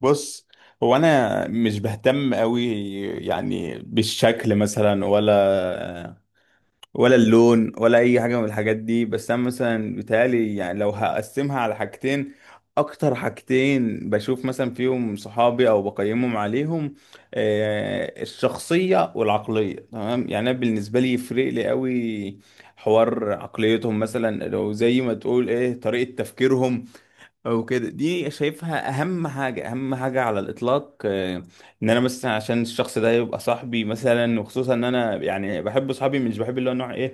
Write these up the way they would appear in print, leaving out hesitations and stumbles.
بص، هو انا مش بهتم قوي. يعني بالشكل مثلا ولا اللون ولا اي حاجه من الحاجات دي، بس انا مثلا بيتهيألي يعني لو هقسمها على حاجتين، اكتر حاجتين بشوف مثلا فيهم صحابي او بقيمهم عليهم الشخصيه والعقليه. تمام، يعني انا بالنسبه لي يفرق لي قوي حوار عقليتهم، مثلا لو زي ما تقول ايه طريقه تفكيرهم او كده. دي شايفها اهم حاجه، اهم حاجه على الاطلاق ان انا مثلا عشان الشخص ده يبقى صاحبي، مثلا وخصوصا ان انا يعني بحب صحابي، مش بحب اللي هو نوع ايه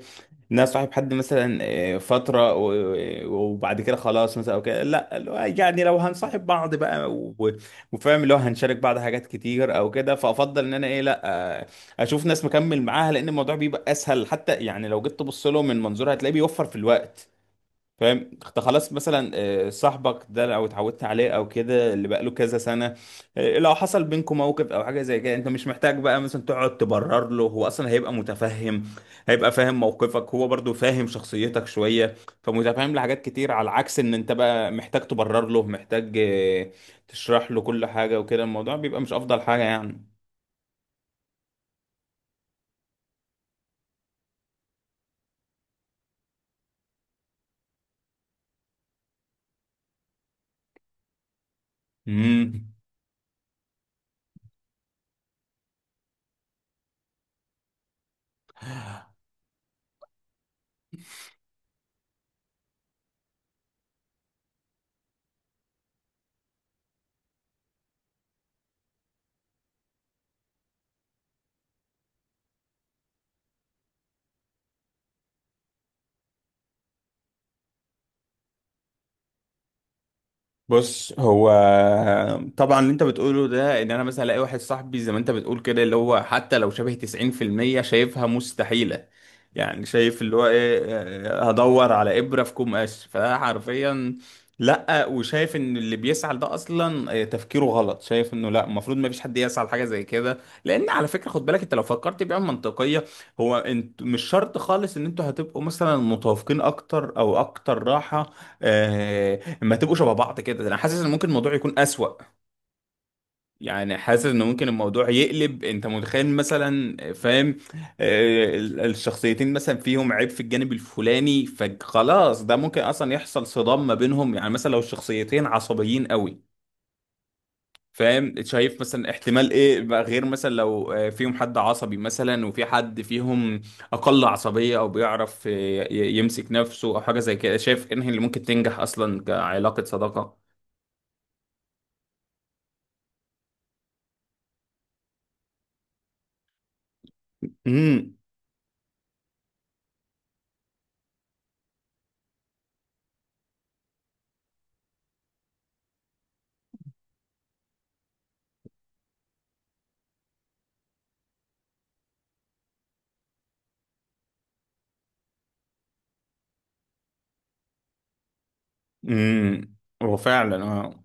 ان انا صاحب حد مثلا فتره وبعد كده خلاص مثلا او كده، لا اللي هو يعني لو هنصاحب بعض بقى وفاهم اللي هو هنشارك بعض حاجات كتير او كده، فافضل ان انا ايه، لا آه، اشوف ناس مكمل معاها، لان الموضوع بيبقى اسهل، حتى يعني لو جيت تبص له من منظور هتلاقيه بيوفر في الوقت. فاهم انت خلاص مثلا صاحبك ده او اتعودت عليه او كده اللي بقاله كذا سنه لو حصل بينكم موقف او حاجه زي كده، انت مش محتاج بقى مثلا تقعد تبرر له، هو اصلا هيبقى متفهم، هيبقى فاهم موقفك، هو برضو فاهم شخصيتك شويه، فمتفهم لحاجات كتير، على عكس ان انت بقى محتاج تبرر له، محتاج تشرح له كل حاجه، وكده الموضوع بيبقى مش افضل حاجه يعني. امم بص هو طبعا اللي انت بتقوله ده ان انا مثلا الاقي واحد صاحبي زي ما انت بتقول كده اللي هو حتى لو شبه 90% شايفها مستحيلة، يعني شايف اللي هو ايه هدور على ابرة في كوم قش، فده حرفيا. لا، وشايف ان اللي بيسعى ده اصلا تفكيره غلط، شايف انه لا، المفروض ما فيش حد يسعى لحاجة زي كده، لان على فكرة خد بالك، انت لو فكرت بيها منطقية، هو انت مش شرط خالص ان انتوا هتبقوا مثلا متوافقين اكتر او اكتر راحة آه، ما تبقوا شبه بعض، كده انا حاسس ان ممكن الموضوع يكون اسوأ، يعني حاسس ان ممكن الموضوع يقلب، انت متخيل مثلا، فاهم الشخصيتين مثلا فيهم عيب في الجانب الفلاني، فخلاص ده ممكن اصلا يحصل صدام ما بينهم، يعني مثلا لو الشخصيتين عصبيين قوي. فاهم شايف مثلا احتمال ايه بقى، غير مثلا لو فيهم حد عصبي مثلا وفي حد فيهم اقل عصبية، او بيعرف يمسك نفسه او حاجة زي كده. شايف انهي اللي ممكن تنجح اصلا كعلاقة صداقة. امم هو فعلا. اه،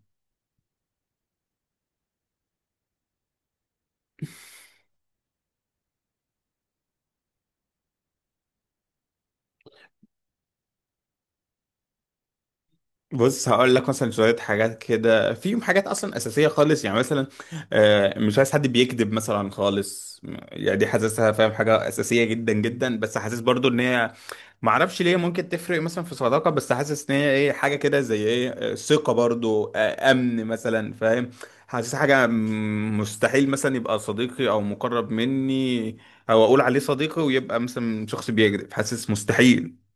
بص هقول لك مثلا شويه حاجات كده، فيهم حاجات اصلا اساسيه خالص، يعني مثلا مش عايز حد بيكذب مثلا خالص، يعني دي حاسسها فاهم حاجه اساسيه جدا جدا، بس حاسس برضو ان هي ما اعرفش ليه ممكن تفرق مثلا في صداقه، بس حاسس ان هي ايه، حاجه كده زي ايه ثقه برضو امن مثلا، فاهم، حاسس حاجه مستحيل مثلا يبقى صديقي او مقرب مني، او اقول عليه صديقي ويبقى مثلا شخص بيكذب، حاسس مستحيل.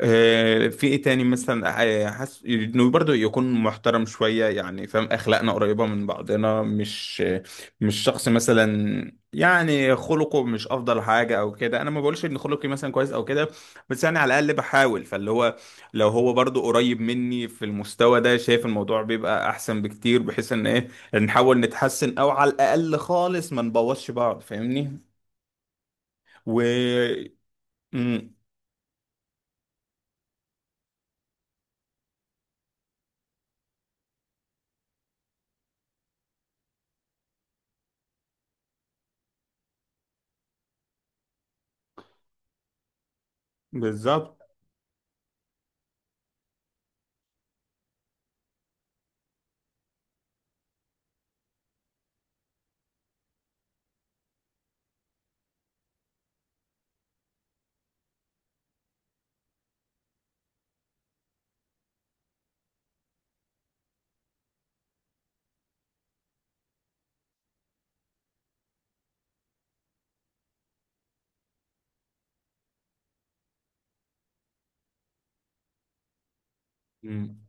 في ايه تاني مثلا، حاسس انه برضه يكون محترم شويه، يعني فاهم اخلاقنا قريبه من بعضنا، مش مش شخص مثلا يعني خلقه مش افضل حاجه او كده. انا ما بقولش ان خلقي مثلا كويس او كده، بس يعني على الاقل بحاول، فاللي هو لو هو برضه قريب مني في المستوى ده، شايف الموضوع بيبقى احسن بكتير، بحيث ان ايه نحاول نتحسن او على الاقل خالص ما نبوظش بعض، فاهمني. و مم، بالظبط. مم.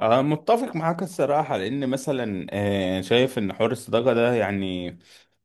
أه متفق معاك الصراحة، لأن مثلا يعني شايف إن حوار الصداقة ده يعني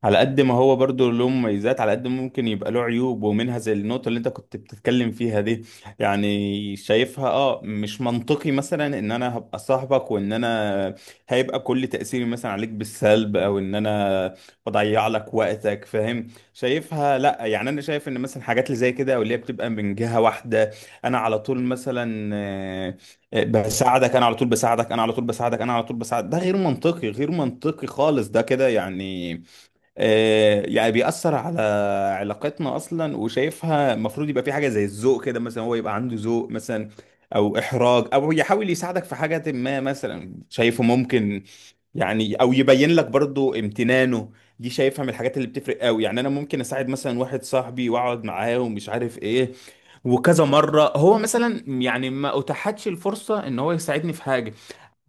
على قد ما هو برضو له مميزات، على قد ما ممكن يبقى له عيوب، ومنها زي النقطة اللي أنت كنت بتتكلم فيها دي. يعني شايفها، أه مش منطقي مثلا إن أنا هبقى صاحبك، وإن أنا هيبقى كل تأثيري مثلا عليك بالسلب، أو إن أنا بضيع لك وقتك فاهم. شايفها لأ، يعني أنا شايف إن مثلا حاجات اللي زي كده أو اللي هي بتبقى من جهة واحدة، أنا على طول مثلا بساعدك انا على طول، بساعدك انا على طول، بساعدك انا على طول بساعدك، ده غير منطقي، غير منطقي خالص، ده كده يعني يعني بيأثر على علاقتنا أصلا. وشايفها المفروض يبقى في حاجة زي الذوق كده، مثلا هو يبقى عنده ذوق مثلا، أو إحراج، أو يحاول يساعدك في حاجة ما مثلا، شايفه ممكن يعني، أو يبين لك برضو امتنانه. دي شايفها من الحاجات اللي بتفرق قوي، يعني أنا ممكن أساعد مثلا واحد صاحبي، وأقعد معاه ومش عارف إيه، وكذا مرة هو مثلا يعني ما أتاحتش الفرصة إن هو يساعدني في حاجة.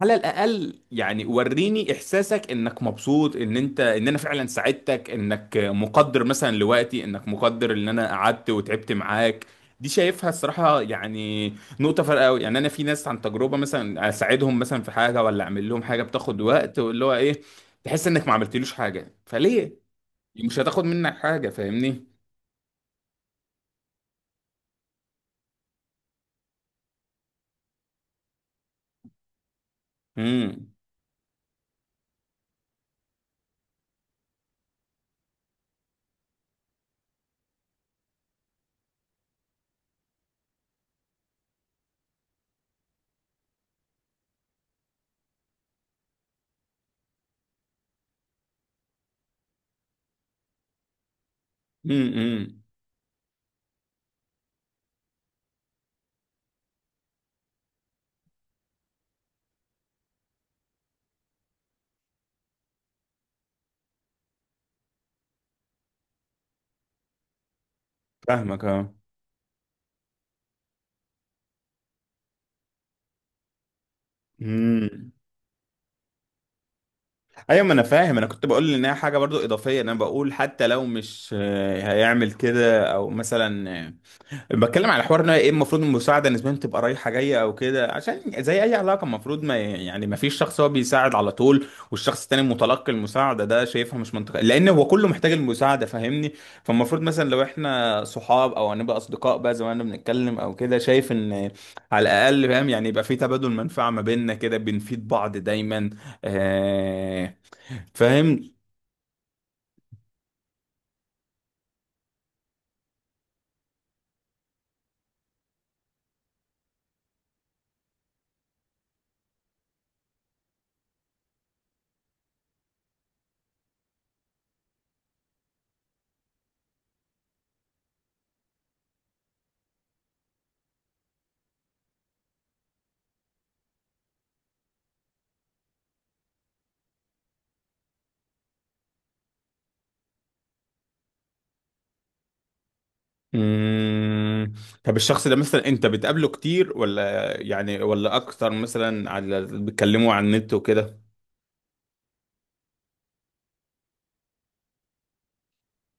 على الاقل يعني وريني احساسك انك مبسوط، ان انت ان انا فعلا ساعدتك، انك مقدر مثلا لوقتي، انك مقدر ان انا قعدت وتعبت معاك. دي شايفها الصراحة يعني نقطة فارقة أوي. يعني أنا في ناس عن تجربة مثلا أساعدهم مثلا في حاجة، ولا أعمل لهم حاجة بتاخد وقت، واللي هو إيه تحس إنك ما عملتلوش حاجة، فليه؟ مش هتاخد منك حاجة فاهمني؟ امم. امم. إمم. فاهمك أه. إمم. ايوه، ما انا فاهم، انا كنت بقول انها حاجه برضو اضافيه، انا بقول حتى لو مش هيعمل كده او مثلا بتكلم على حوار ان هي ايه المفروض المساعده نسبيا تبقى رايحه جايه او كده، عشان زي اي علاقه المفروض ما يعني ما فيش شخص هو بيساعد على طول والشخص التاني متلقي المساعده، ده شايفها مش منطقي، لان هو كله محتاج المساعده فاهمني. فالمفروض مثلا لو احنا صحاب او هنبقى اصدقاء بقى، زي ما احنا بنتكلم او كده، شايف ان على الاقل فاهم، يعني يبقى في تبادل منفعه ما بيننا كده، بنفيد بعض دايما. آه، فاهم. مم. طب الشخص ده مثلا انت بتقابله كتير، ولا يعني ولا اكتر مثلا على بتكلموا على النت وكده.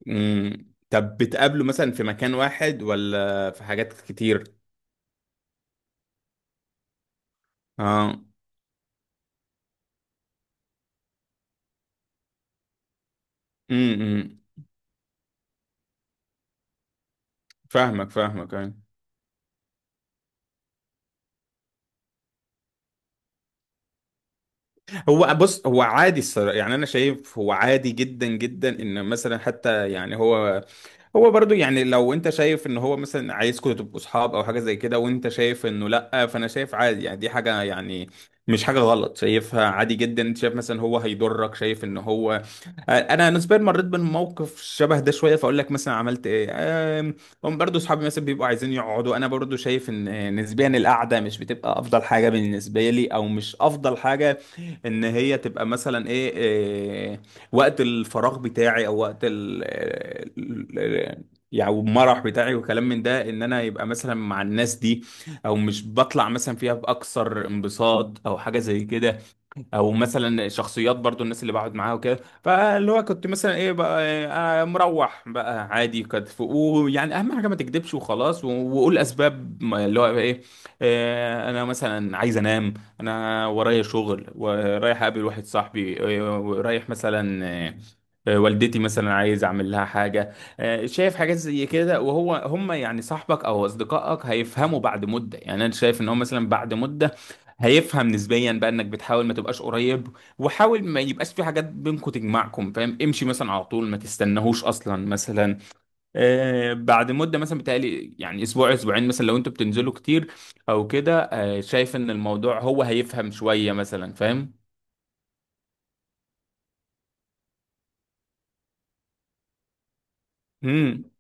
مم. طب بتقابله مثلا في مكان واحد ولا في حاجات كتير. اه. امم. فاهمك، فاهمك، أيوة. هو بص هو عادي الصراحة، يعني انا شايف هو عادي جدا جدا، ان مثلا حتى يعني هو، هو برضو يعني لو انت شايف ان هو مثلا عايزكم تبقوا صحاب او حاجه زي كده، وانت شايف انه لا، فانا شايف عادي، يعني دي حاجه، يعني مش حاجه غلط، شايفها عادي جدا. انت شايف مثلا هو هيضرك، شايف ان هو انا نسبيا مريت بموقف شبه ده شويه، فاقول لك مثلا عملت ايه. آم، هم برضو صحابي مثلا بيبقوا عايزين يقعدوا، انا برضو شايف ان نسبيا القعده مش بتبقى افضل حاجه بالنسبه لي، او مش افضل حاجه ان هي تبقى مثلا ايه, إيه وقت الفراغ بتاعي، او وقت ال- ال- يعني المرح بتاعي وكلام من ده، ان انا يبقى مثلا مع الناس دي، او مش بطلع مثلا فيها باكثر انبساط او حاجه زي كده، او مثلا شخصيات برضو الناس اللي بقعد معاها وكده، فاللي هو كنت مثلا ايه بقى، إيه، مروح بقى عادي، كانت ويعني اهم حاجه ما تكدبش وخلاص، وقول اسباب اللي هو ايه، انا مثلا عايز انام، انا ورايا شغل، ورايح اقابل واحد صاحبي ورايح مثلا والدتي مثلا عايز اعمل لها حاجه شايف حاجات زي كده. وهو هم يعني صاحبك او اصدقائك هيفهموا بعد مده، يعني انا شايف ان هم مثلا بعد مده هيفهم نسبيا بقى انك بتحاول ما تبقاش قريب، وحاول ما يبقاش في حاجات بينكم تجمعكم، فاهم، امشي مثلا على طول ما تستناهوش اصلا مثلا. آه بعد مده، مثلا بتهيألي يعني اسبوع اسبوعين مثلا لو انتوا بتنزلوا كتير او كده، آه شايف ان الموضوع هو هيفهم شويه مثلا فاهم. امم.